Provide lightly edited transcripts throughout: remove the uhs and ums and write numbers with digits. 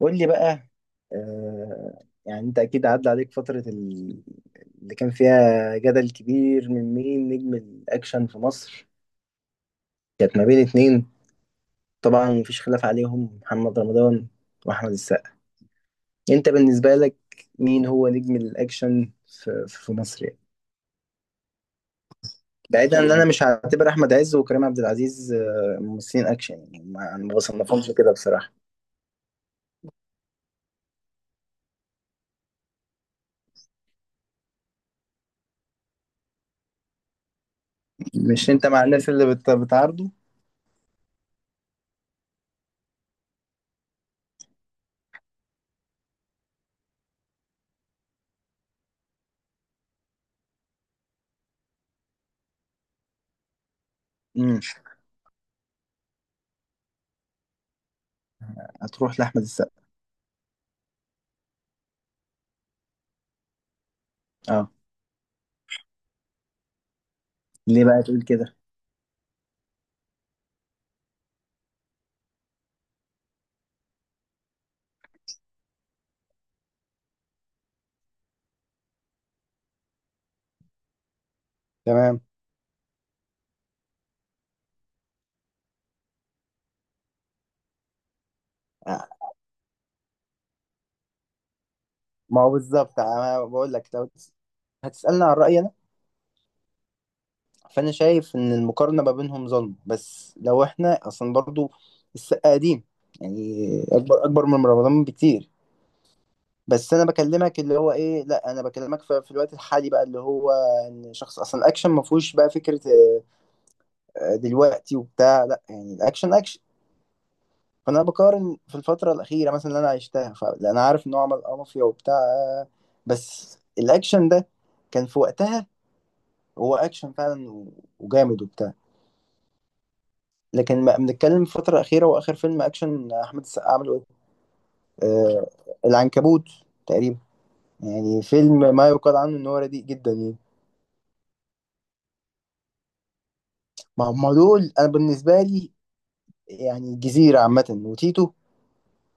قول لي بقى. آه يعني انت اكيد عدى عليك فترة اللي كان فيها جدل كبير، من مين نجم الاكشن في مصر؟ كانت ما بين اتنين، طبعا مفيش خلاف عليهم، محمد رمضان واحمد السقا. انت بالنسبة لك، مين هو نجم الاكشن في مصر يعني؟ بعيدا ان انا مش هعتبر احمد عز وكريم عبد العزيز ممثلين اكشن، يعني ما انا ما بصنفهمش كده بصراحة. مش انت مع الناس اللي بتعارضه؟ امم هتروح لاحمد السقا؟ اه ليه بقى تقول كده؟ تمام. ما هو بالظبط، انا بقول لك لو هتسألني عن رأيي انا، فانا شايف ان المقارنة ما بينهم ظلم، بس لو احنا اصلا برضو السقا قديم، يعني اكبر اكبر من رمضان بكتير. بس انا بكلمك اللي هو ايه، لا انا بكلمك في الوقت الحالي بقى، اللي هو ان شخص اصلا الاكشن ما فيهوش بقى فكرة، دلوقتي وبتاع، لا يعني الاكشن اكشن. فانا بقارن في الفترة الأخيرة مثلا اللي انا عشتها، فانا عارف ان هو عمل مافيا وبتاع، بس الاكشن ده كان في وقتها، هو اكشن فعلا وجامد وبتاع. لكن ما بنتكلم في الفتره الاخيره، واخر فيلم اكشن احمد السقا عمله ايه؟ آه العنكبوت تقريبا، يعني فيلم ما يقال عنه ان هو رديء جدا يعني. ما هم دول انا بالنسبه لي، يعني الجزيره عامه وتيتو،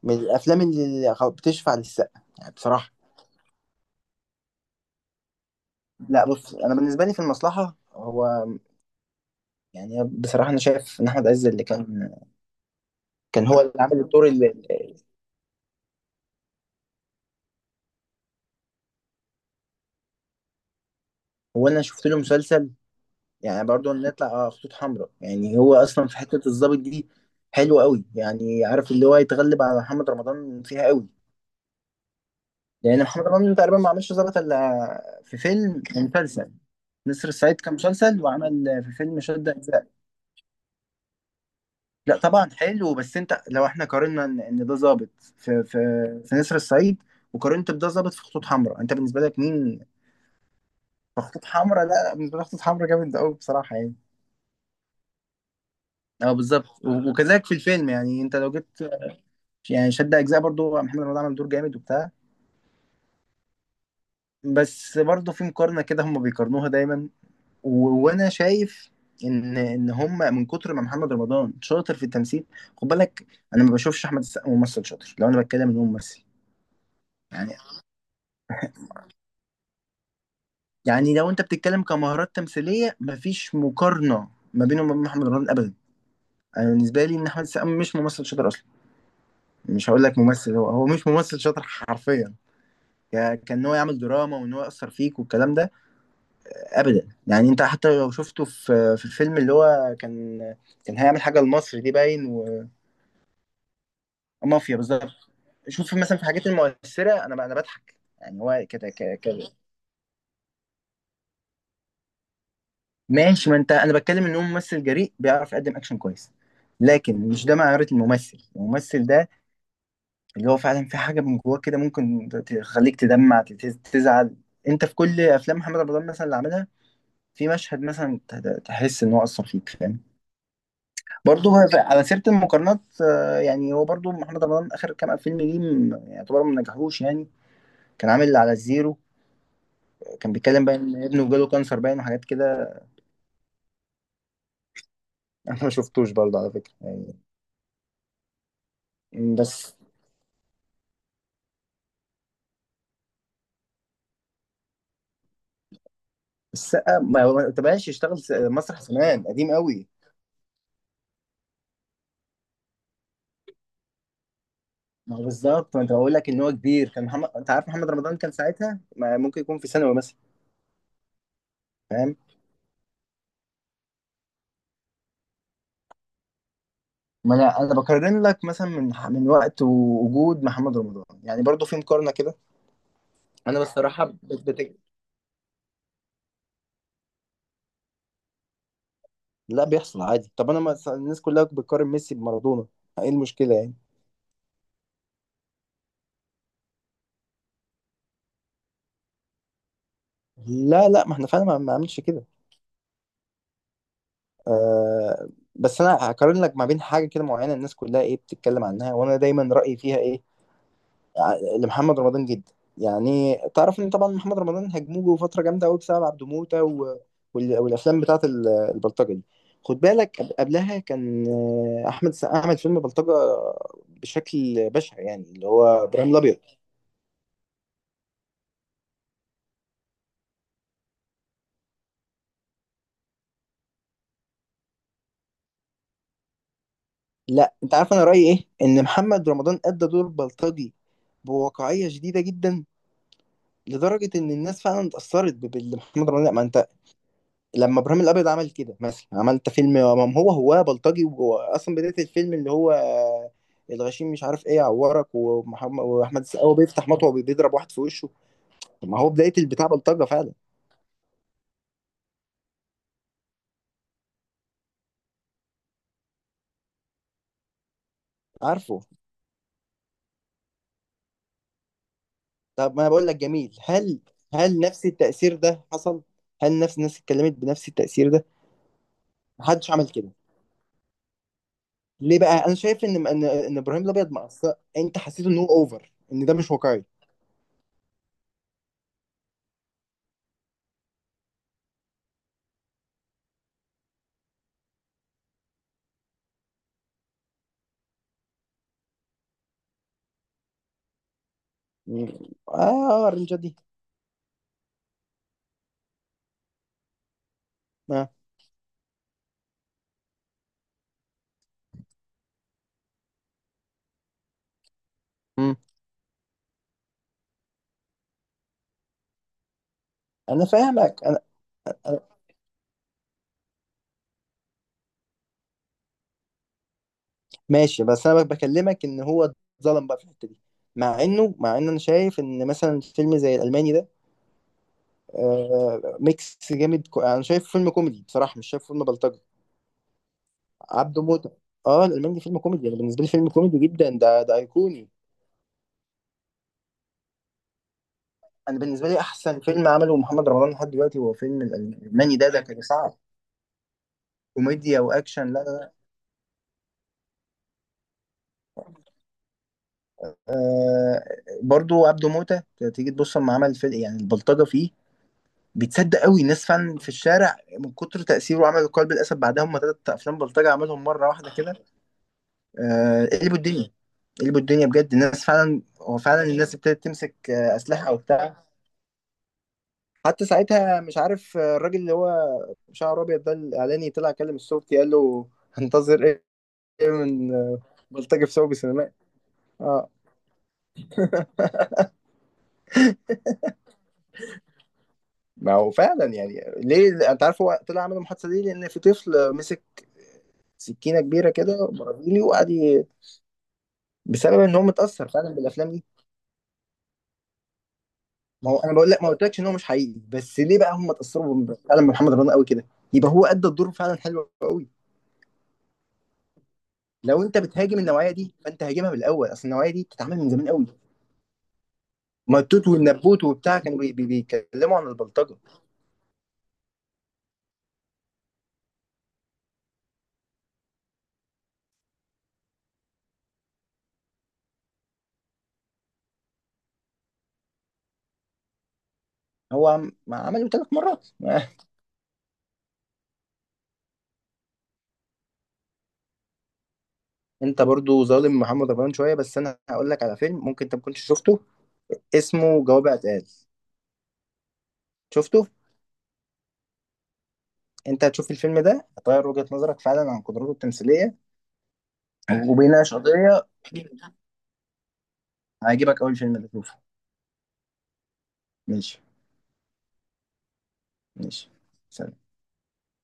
من الافلام اللي بتشفع للسقا يعني بصراحه. لا بص، انا بالنسبه لي في المصلحه هو، يعني بصراحه انا شايف ان احمد عز اللي كان، كان هو اللي عامل الدور اللي هو. انا شفت له مسلسل، يعني برضو نطلع على خطوط حمراء، يعني هو اصلا في حته الضابط دي حلو قوي يعني، عارف اللي هو يتغلب على محمد رمضان فيها قوي. لان محمد رمضان تقريبا ما عملش ضابط الا في فيلم ومسلسل، نسر الصعيد كان مسلسل، وعمل في فيلم شد اجزاء. لا طبعا حلو، بس انت لو احنا قارنا إن ده ضابط في نسر الصعيد، وقارنت بده ضابط في خطوط حمراء، انت بالنسبه لك مين؟ في خطوط حمراء؟ لا بالنسبه لك خطوط حمراء جامد قوي بصراحه يعني. اه بالظبط، وكذلك في الفيلم يعني، انت لو جيت، يعني شد اجزاء برضو محمد رمضان عمل دور جامد وبتاع. بس برضو في مقارنه كده هم بيقارنوها دايما، وانا شايف ان هم من كتر ما محمد رمضان شاطر في التمثيل، خد بالك، انا ما بشوفش احمد السقا ممثل شاطر لو انا بتكلم ان هو ممثل يعني. يعني لو انت بتتكلم كمهارات تمثيليه، مفيش مقارنه ما بينه وما بين محمد رمضان ابدا. انا بالنسبه لي، ان احمد السقا مش ممثل شاطر اصلا، مش هقول لك ممثل، هو مش ممثل شاطر حرفيا. كان هو يعمل دراما وان هو يأثر فيك والكلام ده ابدا، يعني انت حتى لو شفته في الفيلم اللي هو كان، كان هيعمل حاجه لمصر دي باين، ومافيا بالظبط. شوف مثلا في الحاجات المؤثره انا بضحك، يعني هو كده كده. ماشي، ما انت انا بتكلم ان هو ممثل جريء بيعرف يقدم اكشن كويس، لكن مش ده معيار الممثل، الممثل ده اللي هو فعلا في حاجه من جواه كده ممكن تخليك تدمع تزعل. انت في كل افلام محمد رمضان مثلا اللي عملها، في مشهد مثلا تحس ان هو اثر فيك فاهم. برضه هو على سيرة المقارنات، يعني هو برضه محمد رمضان آخر كام فيلم ليه يعتبر ما نجحوش يعني. كان عامل اللي على الزيرو، كان بيتكلم بقى إن ابنه جاله كانسر باين، وحاجات كده. أنا ما شفتوش برضه على فكرة يعني. بس السقا، ما هو ما تبقاش يشتغل مسرح زمان قديم قوي. ما هو بالظبط، ما أنت بقول لك إن هو كبير، كان محمد، أنت عارف محمد رمضان كان ساعتها ما ممكن يكون في ثانوي مثلا. فاهم. ما أنا بقارن لك مثلا من وقت ووجود محمد رمضان، يعني برضه في مقارنة كده. انا بصراحه لا بيحصل عادي، طب انا، ما الناس كلها بتقارن ميسي بمارادونا، ايه المشكله يعني؟ لا لا، ما احنا فعلا ما عملش كده. آه. بس انا هقارن لك ما بين حاجه كده معينه، الناس كلها ايه بتتكلم عنها، وانا دايما رايي فيها ايه، لمحمد رمضان جدا. يعني تعرف، ان طبعا محمد رمضان هجموه فتره جامده قوي بسبب عبده موته، والافلام بتاعت البلطجه دي. خد بالك قبلها كان، احمد السقا عمل فيلم بلطجه بشكل بشع يعني، اللي هو ابراهيم الابيض. لا انت عارف انا رايي ايه، ان محمد رمضان ادى دور بلطجي بواقعيه شديده جدا، لدرجه ان الناس فعلا اتاثرت باللي محمد رمضان، لا، ما انت. لما ابراهيم الابيض عمل كده مثلا، عملت فيلم، ما هو بلطجي، وهو اصلا بدايه الفيلم اللي هو، الغشيم مش عارف ايه يعورك، ومحمد واحمد السقا هو بيفتح مطوه وبيضرب واحد في وشه. طب ما هو بدايه البتاع بلطجه فعلا. عارفه. طب ما انا بقول لك، جميل، هل نفس التاثير ده حصل؟ هل نفس الناس اتكلمت بنفس التاثير ده؟ محدش عمل كده، ليه بقى؟ انا شايف ان ان إن ابراهيم الابيض مقصر، انت حسيت ان هو اوفر، ان ده مش واقعي؟ م- اه الرنجه دي؟ آه. م. انا فاهمك انا. أنا- ماشي، بس انا بكلمك ان هو اتظلم بقى في الحته دي، مع ان انا شايف ان مثلا فيلم زي الالماني ده، ميكس جامد، انا شايف فيلم كوميدي بصراحه، مش شايف فيلم بلطجي، عبده موته. اه الالماني فيلم كوميدي، انا بالنسبه لي فيلم كوميدي جدا، ده ايقوني. انا بالنسبه لي احسن فيلم عمله محمد رمضان لحد دلوقتي هو فيلم الالماني ده، كان صعب، كوميديا واكشن. لا لا لا، آه برضو عبده موتة، تيجي تبص لما عمل فيلم يعني البلطجه فيه بيتصدق قوي، الناس فعلا في الشارع من كتر تاثيره، عمل قلب الاسد بعدها، هم ثلاث افلام بلطجه عملهم مره واحده كده. قلبوا الدنيا، قلبوا الدنيا بجد، الناس فعلا، هو فعلا الناس ابتدت تمسك اسلحه وبتاع. حتى ساعتها مش عارف، الراجل اللي هو شعره ابيض ده الاعلاني، طلع كلم الصوت قال له، هنتظر ايه من بلطجه في سوق سينمائي؟ ما هو فعلا يعني، ليه انت عارف، هو طلع عمل المحادثه دي لان في طفل مسك سكينه كبيره كده برازيلي وقعد بسبب ان هو متاثر فعلا بالافلام دي. ما هو انا بقول لك ما قلتلكش ان هو مش حقيقي، بس ليه بقى هم اتاثروا فعلا بمحمد رمضان قوي كده؟ يبقى هو ادى الدور فعلا حلو قوي. لو انت بتهاجم النوعيه دي فانت هاجمها من الاول، اصل النوعيه دي بتتعمل من زمان قوي، ماتوت والنبوت وبتاع كانوا بيتكلموا عن البلطجه. هو ما عمله ثلاث مرات انت برضو ظالم محمد رمضان شويه، بس انا هقول لك على فيلم ممكن انت ما كنتش شفته، اسمه جواب اعتقاد، شفته؟ انت هتشوف الفيلم ده هتغير وجهة نظرك فعلا عن قدراته التمثيليه، وبيناقش قضيه، هيعجبك، اول فيلم ده شوفه. ماشي ماشي. سلام.